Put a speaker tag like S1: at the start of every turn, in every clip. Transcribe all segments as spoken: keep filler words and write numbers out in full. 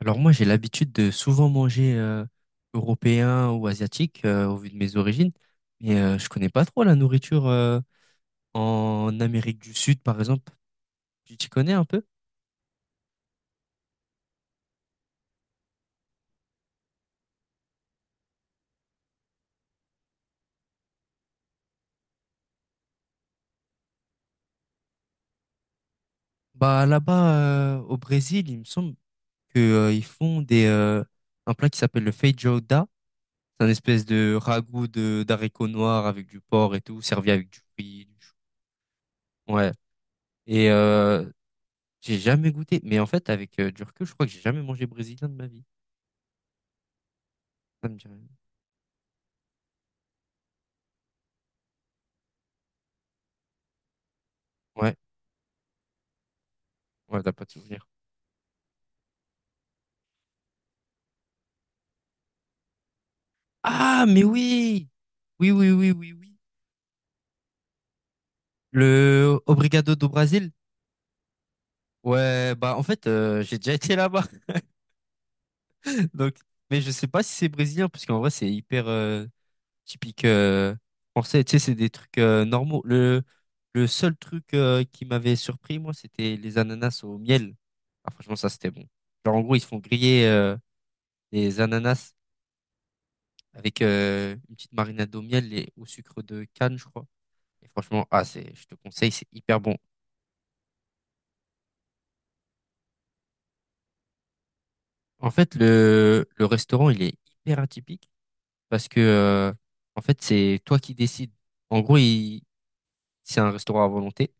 S1: Alors moi, j'ai l'habitude de souvent manger euh, européen ou asiatique, euh, au vu de mes origines, mais euh, je connais pas trop la nourriture euh, en Amérique du Sud, par exemple. Tu t'y connais un peu? Bah là-bas, euh, au Brésil, il me semble que euh, ils font des euh, un plat qui s'appelle le feijoada. C'est un espèce de ragoût de d'haricots noirs avec du porc et tout, servi avec du riz, du chou. Ouais. Et euh, j'ai jamais goûté, mais en fait, avec euh, du recul, je crois que j'ai jamais mangé brésilien de ma vie. Ça me dit rien. Ouais. Ouais, t'as pas de souvenir. Ah, mais oui! Oui, oui, oui, oui, oui. Le Obrigado do Brasil? Ouais, bah en fait, euh, j'ai déjà été là-bas. Donc, mais je sais pas si c'est brésilien, parce qu'en vrai, c'est hyper euh, typique euh, français. Tu sais, c'est des trucs euh, normaux. Le, le seul truc euh, qui m'avait surpris, moi, c'était les ananas au miel. Ah, franchement, ça, c'était bon. Genre, en gros, ils font griller euh, des ananas avec euh, une petite marinade au miel et au sucre de canne, je crois. Et franchement, ah, c'est, je te conseille, c'est hyper bon. En fait, le, le restaurant, il est hyper atypique parce que, euh, en fait, c'est toi qui décides. En gros, il- c'est un restaurant à volonté.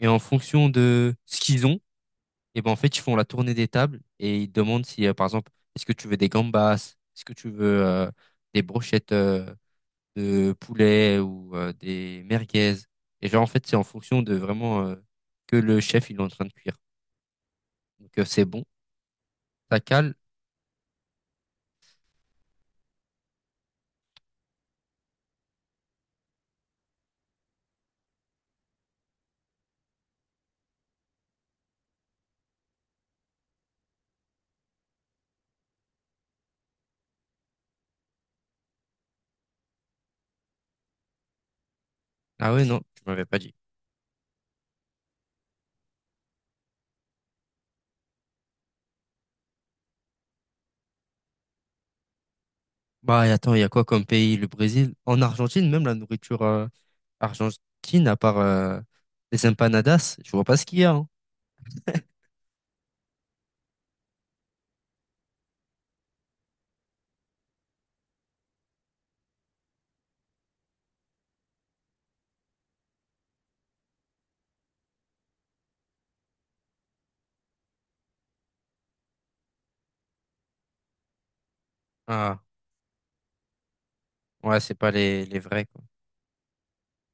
S1: Et en fonction de ce qu'ils ont, et ben, en fait, ils font la tournée des tables et ils demandent si, euh, par exemple, est-ce que tu veux des gambas, est-ce que tu veux euh, des brochettes euh, de poulet ou euh, des merguez. Et genre, en fait, c'est en fonction de vraiment euh, que le chef, il est en train de cuire. Donc, euh, c'est bon, ça cale. Ah ouais, non, tu m'avais pas dit. Bah, et attends, il y a quoi comme pays? Le Brésil? En Argentine, même la nourriture euh, argentine, à part euh, les empanadas, je vois pas ce qu'il y a, hein. Ah, ouais, c'est pas les, les vrais, quoi.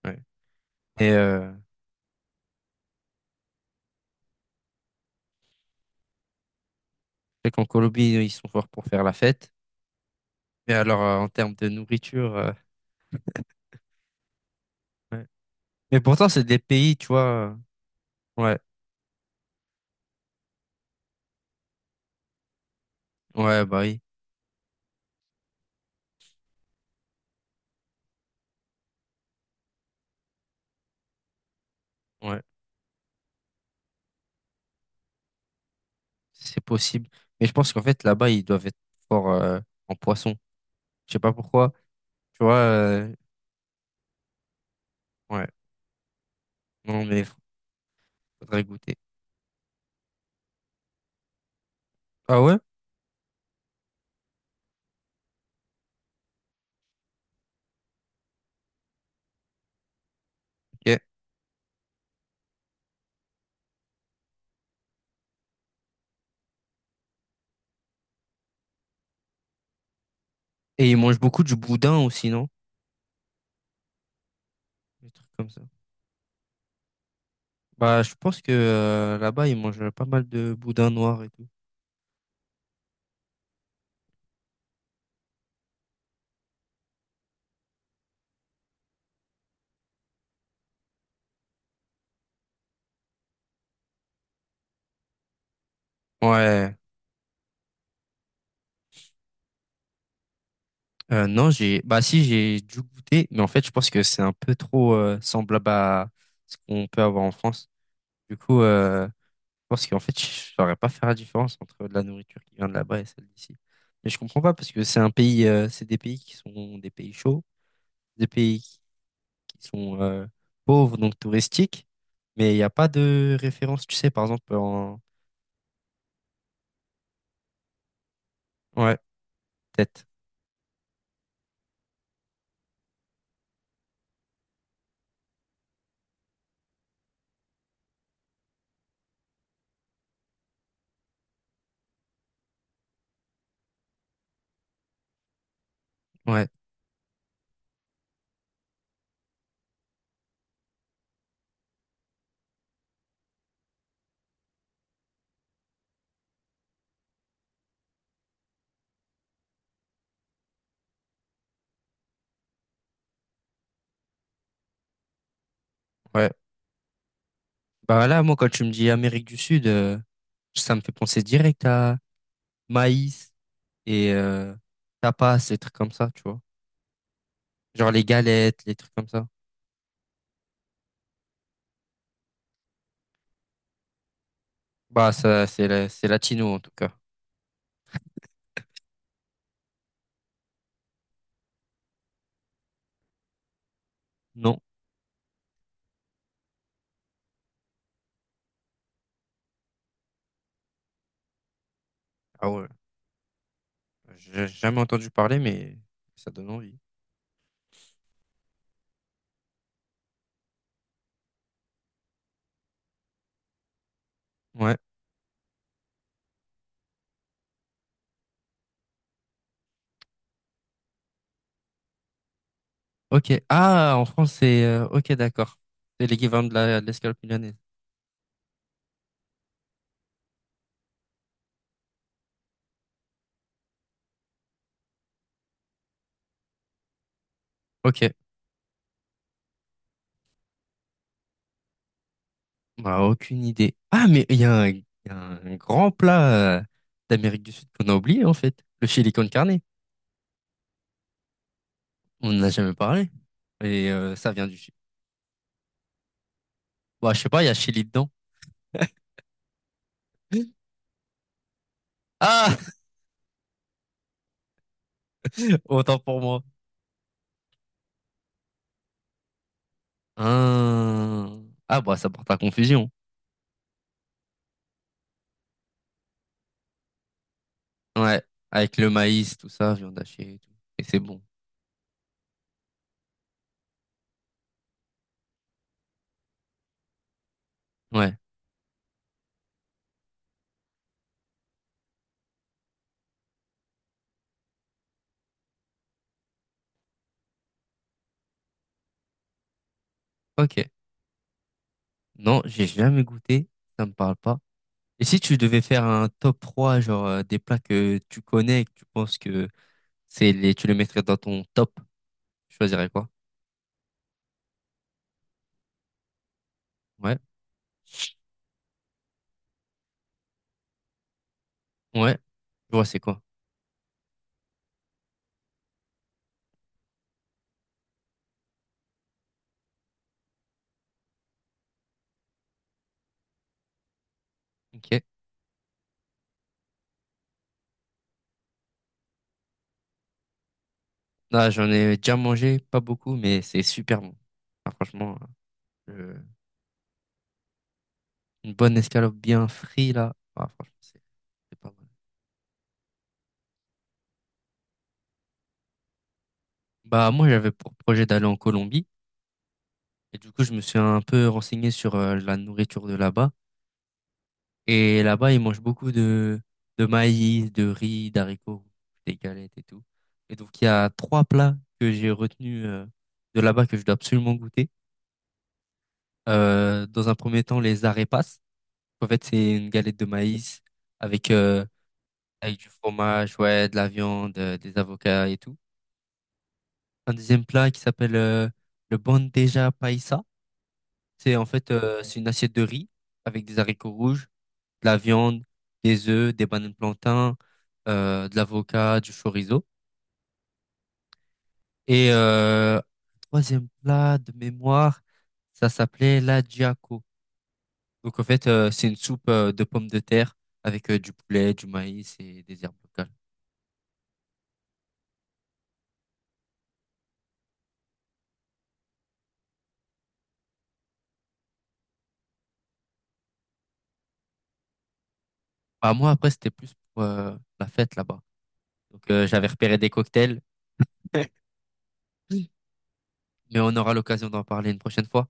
S1: Ouais. Et euh, je sais qu'en Colombie, ils sont forts pour faire la fête. Mais alors, euh, en termes de nourriture, euh, ouais. Mais pourtant, c'est des pays, tu vois. Euh, ouais, ouais, bah oui, ouais, c'est possible. Mais je pense qu'en fait, là-bas, ils doivent être forts euh, en poisson. Je sais pas pourquoi. Tu vois, euh, ouais. Non, mais faudrait goûter. Ah ouais? Ok. Et ils mangent beaucoup du boudin aussi, non? Des trucs comme ça. Bah, je pense que euh, là-bas, ils mangent pas mal de boudin noir et tout. Ouais. Euh, non, j'ai. Bah, si, j'ai dû goûter, mais en fait, je pense que c'est un peu trop euh, semblable à ce qu'on peut avoir en France. Du coup, euh, je pense qu'en fait, je saurais pas faire la différence entre de la nourriture qui vient de là-bas et celle d'ici. Mais je comprends pas parce que c'est un pays, euh, c'est des pays qui sont des pays chauds, des pays qui sont euh, pauvres, donc touristiques, mais il n'y a pas de référence, tu sais, par exemple, en... Ouais, peut-être. Ouais, ouais. Bah là, moi, quand tu me dis Amérique du Sud, euh, ça me fait penser direct à maïs et euh, tapas, les trucs comme ça, tu vois. Genre les galettes, les trucs comme ça. Bah, ça, c'est la- c'est latino, en tout cas. Non. Ah ouais. J'ai jamais entendu parler, mais ça donne envie. Ouais. Ok. Ah, en France, c'est... euh, ok, d'accord. C'est l'équivalent de la, de l'escalope milanaise. Ok. On a aucune idée. Ah, mais il y a un, il y a un grand plat euh, d'Amérique du Sud qu'on a oublié, en fait. Le chili con carne. On n'en a jamais parlé. Et euh, ça vient du Chili. Bah, je sais pas, il y a chili dedans. Ah! Autant pour moi. Ah, ah bah, ça porte à confusion. Ouais. Avec le maïs, tout ça, viande hachée et tout. Et c'est bon. Ouais. Ok. Non, j'ai jamais goûté. Ça me parle pas. Et si tu devais faire un top trois genre, euh, des plats que tu connais et que tu penses que c'est les, tu les mettrais dans ton top. Tu choisirais quoi? Ouais. Ouais. Je vois, c'est quoi? Ok. Là, j'en ai déjà mangé, pas beaucoup, mais c'est super bon. Ah, franchement, euh, une bonne escalope bien frite, là. Ah, franchement, c'est c'est pas mal. Bah, moi, j'avais pour projet d'aller en Colombie. Et du coup, je me suis un peu renseigné sur euh, la nourriture de là-bas. Et là-bas, ils mangent beaucoup de, de maïs, de riz, d'haricots, rouges, des galettes et tout. Et donc, il y a trois plats que j'ai retenus euh, de là-bas que je dois absolument goûter. Euh, dans un premier temps, les arepas. En fait, c'est une galette de maïs avec, euh, avec du fromage, ouais, de la viande, euh, des avocats et tout. Un deuxième plat qui s'appelle euh, le bandeja paisa. C'est en fait euh, c'est une assiette de riz avec des haricots rouges, de la viande, des œufs, des bananes plantains, euh, de l'avocat, du chorizo. Et euh, troisième plat de mémoire, ça s'appelait la giaco. Donc en fait, euh, c'est une soupe euh, de pommes de terre avec euh, du poulet, du maïs et des herbes locales. Bah, moi, après, c'était plus pour euh, la fête là-bas. Donc euh, j'avais repéré des cocktails, mais on aura l'occasion d'en parler une prochaine fois.